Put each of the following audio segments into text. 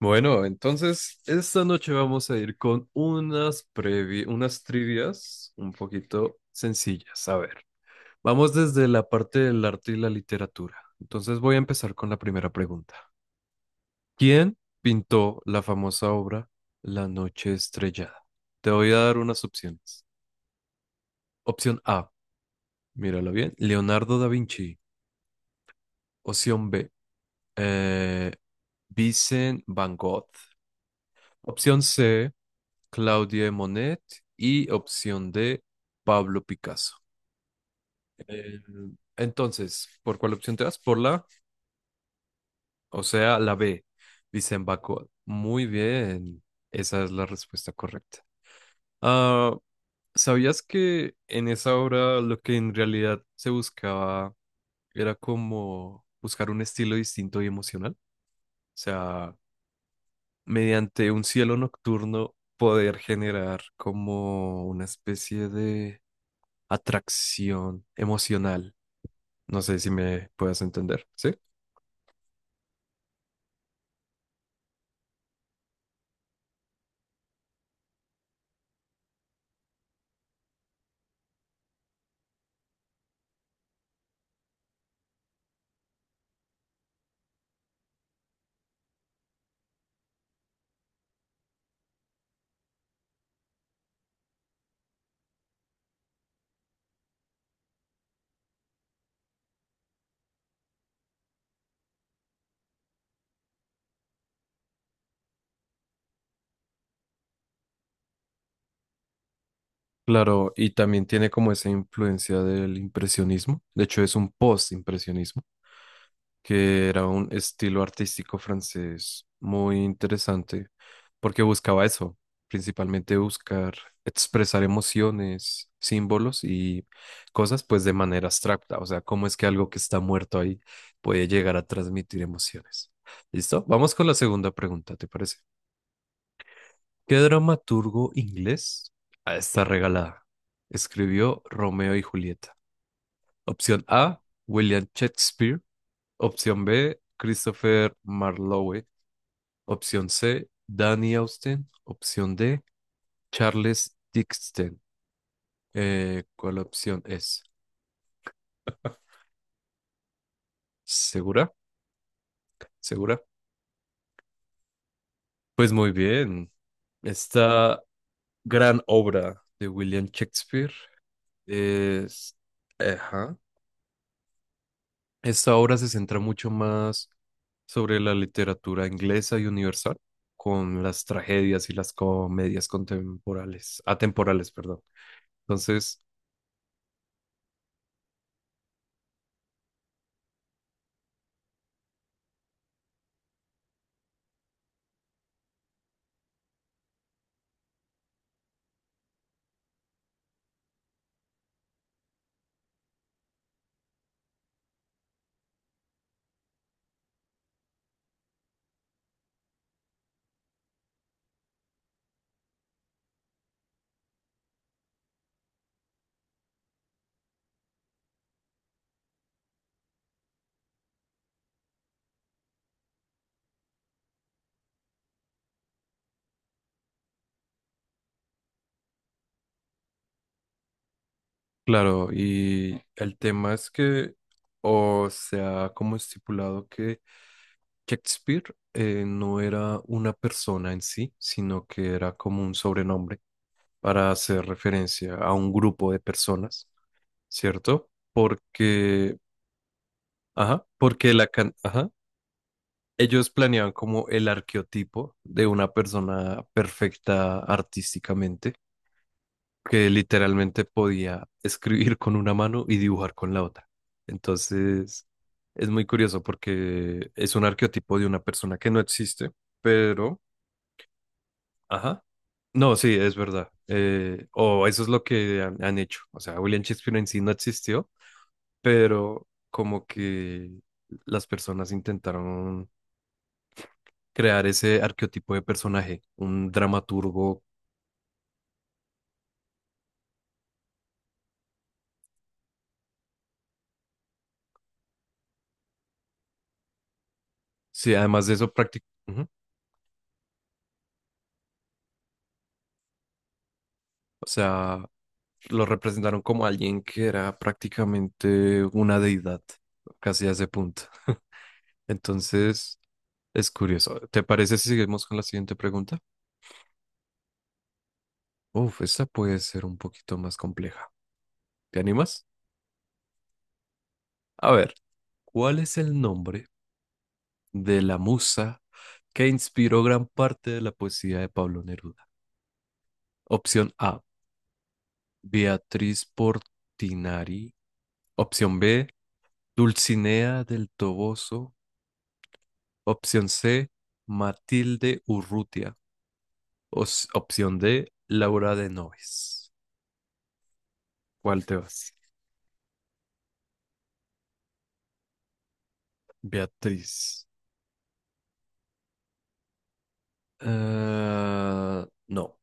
Bueno, entonces esta noche vamos a ir con unas trivias un poquito sencillas. A ver, vamos desde la parte del arte y la literatura. Entonces voy a empezar con la primera pregunta. ¿Quién pintó la famosa obra La Noche Estrellada? Te voy a dar unas opciones. Opción A, mírala bien, Leonardo da Vinci. Opción B, eh, Vincent Van Gogh. Opción C, Claudia de Monet y opción D, Pablo Picasso. Eh, entonces, ¿por cuál opción te das? Por la, o sea, la B, Vicente Van Gogh. Muy bien, esa es la respuesta correcta. Ah, ¿sabías que en esa obra lo que en realidad se buscaba era como buscar un estilo distinto y emocional? O sea, mediante un cielo nocturno poder generar como una especie de atracción emocional. No sé si me puedas entender, ¿sí? Claro, y también tiene como esa influencia del impresionismo. De hecho, es un post-impresionismo, que era un estilo artístico francés muy interesante, porque buscaba eso, principalmente buscar expresar emociones, símbolos y cosas pues de manera abstracta, o sea, cómo es que algo que está muerto ahí puede llegar a transmitir emociones. ¿Listo? Vamos con la segunda pregunta, ¿te parece? ¿Qué dramaturgo inglés a esta regalada escribió Romeo y Julieta? Opción A, William Shakespeare. Opción B, Christopher Marlowe. Opción C, Danny Austin. Opción D, Charles Dixon. ¿Cuál opción es? ¿Segura? ¿Segura? Pues muy bien. Esta gran obra de William Shakespeare es... Ajá. Esta obra se centra mucho más sobre la literatura inglesa y universal, con las tragedias y las comedias contemporales, atemporales, perdón. Entonces... Claro, y el tema es que, o sea, como estipulado que Shakespeare no era una persona en sí, sino que era como un sobrenombre para hacer referencia a un grupo de personas, ¿cierto? Porque, ajá, porque ajá, ellos planeaban como el arqueotipo de una persona perfecta artísticamente que literalmente podía escribir con una mano y dibujar con la otra. Entonces, es muy curioso porque es un arquetipo de una persona que no existe, pero, ajá, no, sí, es verdad. O eso es lo que han hecho. O sea, William Shakespeare en sí no existió, pero como que las personas intentaron crear ese arquetipo de personaje, un dramaturgo. Sí, además de eso, práctico. O sea, lo representaron como alguien que era prácticamente una deidad, casi a ese punto. Entonces, es curioso. ¿Te parece si seguimos con la siguiente pregunta? Uf, esta puede ser un poquito más compleja. ¿Te animas? A ver, ¿cuál es el nombre de la musa que inspiró gran parte de la poesía de Pablo Neruda? Opción A, Beatriz Portinari. Opción B, Dulcinea del Toboso. Opción C, Matilde Urrutia. Opción D, Laura de Noves. ¿Cuál te vas? Beatriz. Ah, no,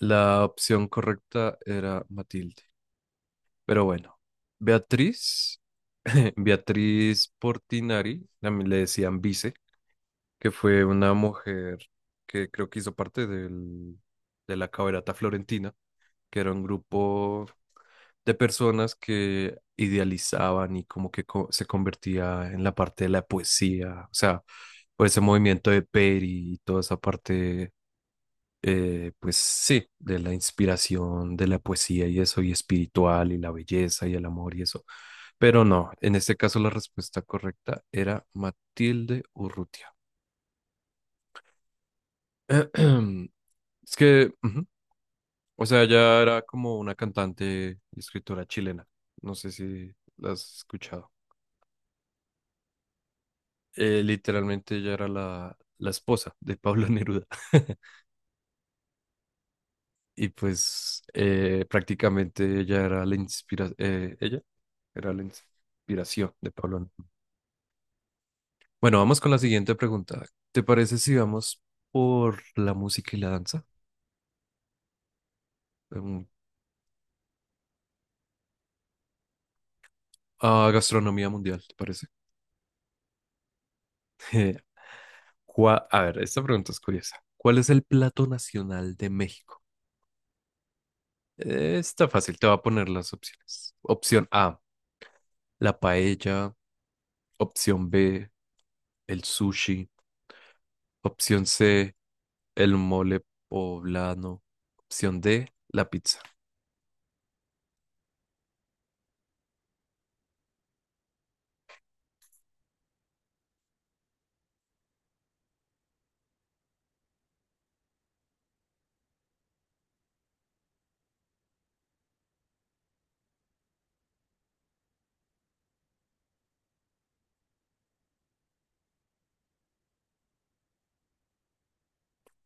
la opción correcta era Matilde. Pero bueno, Beatriz, Beatriz Portinari, también le decían Vice, que fue una mujer que creo que hizo parte del, de la caberata florentina, que era un grupo de personas que idealizaban y como que se convertía en la parte de la poesía, o sea, por ese movimiento de Peri y toda esa parte, pues sí, de la inspiración, de la poesía y eso, y espiritual, y la belleza y el amor y eso. Pero no, en este caso la respuesta correcta era Matilde Urrutia. Es que ujú. O sea, ella era como una cantante y escritora chilena. No sé si la has escuchado. Literalmente ella era la esposa de Pablo Neruda. Y pues prácticamente ella era la inspira ella era la inspiración de Pablo Neruda. Bueno, vamos con la siguiente pregunta. ¿Te parece si vamos por la música y la danza? Mm, a gastronomía mundial, ¿te parece? Eh, a ver, esta pregunta es curiosa. ¿Cuál es el plato nacional de México? Está fácil, te voy a poner las opciones. Opción A, la paella. Opción B, el sushi. Opción C, el mole poblano. Opción D, la pizza.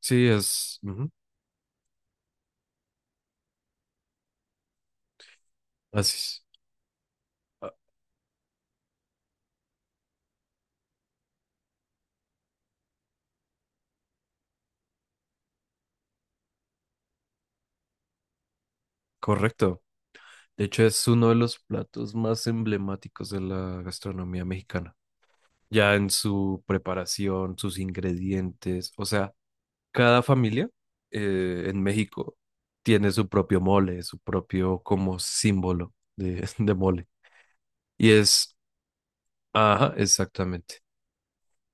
Sí, es... ujú. Así es. Ah, correcto. De hecho, es uno de los platos más emblemáticos de la gastronomía mexicana. Ya en su preparación, sus ingredientes, o sea, cada familia en México tiene su propio mole, su propio como símbolo de, de mole. Y es, ajá, exactamente.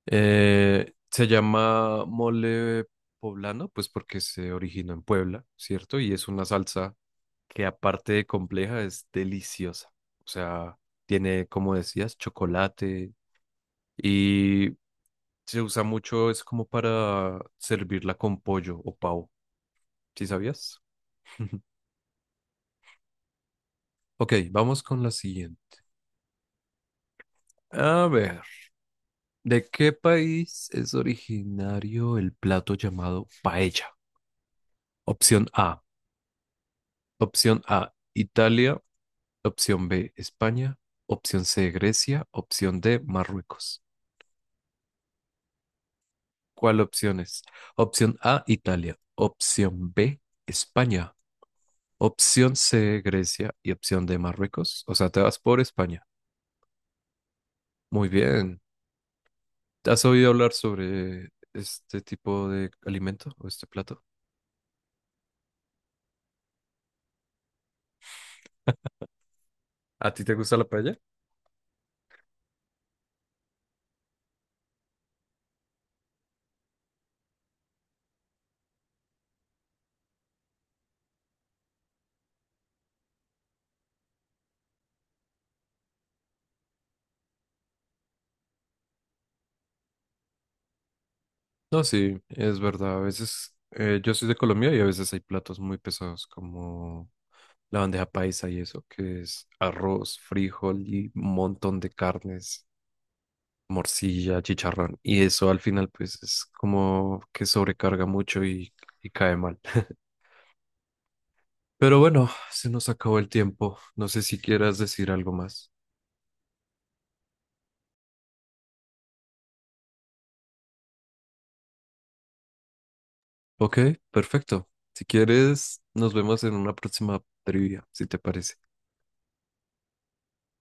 Se llama mole poblano, pues porque se originó en Puebla, ¿cierto? Y es una salsa que aparte de compleja es deliciosa. O sea, tiene, como decías, chocolate y se usa mucho, es como para servirla con pollo o pavo, ¿sí sabías? Ok, vamos con la siguiente. A ver, ¿de qué país es originario el plato llamado paella? Opción A, opción A, Italia, opción B, España, opción C, Grecia, opción D, Marruecos. ¿Cuál opción es? Opción A, Italia, opción B, España, opción C, Grecia y opción D, Marruecos. O sea, te vas por España. Muy bien. ¿Has oído hablar sobre este tipo de alimento o este plato? ¿A ti te gusta la paella? No, sí, es verdad. A veces yo soy de Colombia y a veces hay platos muy pesados como la bandeja paisa y eso, que es arroz, frijol y un montón de carnes, morcilla, chicharrón. Y eso al final pues es como que sobrecarga mucho y cae mal. Pero bueno, se nos acabó el tiempo. No sé si quieras decir algo más. Ok, perfecto. Si quieres, nos vemos en una próxima trivia, si te parece.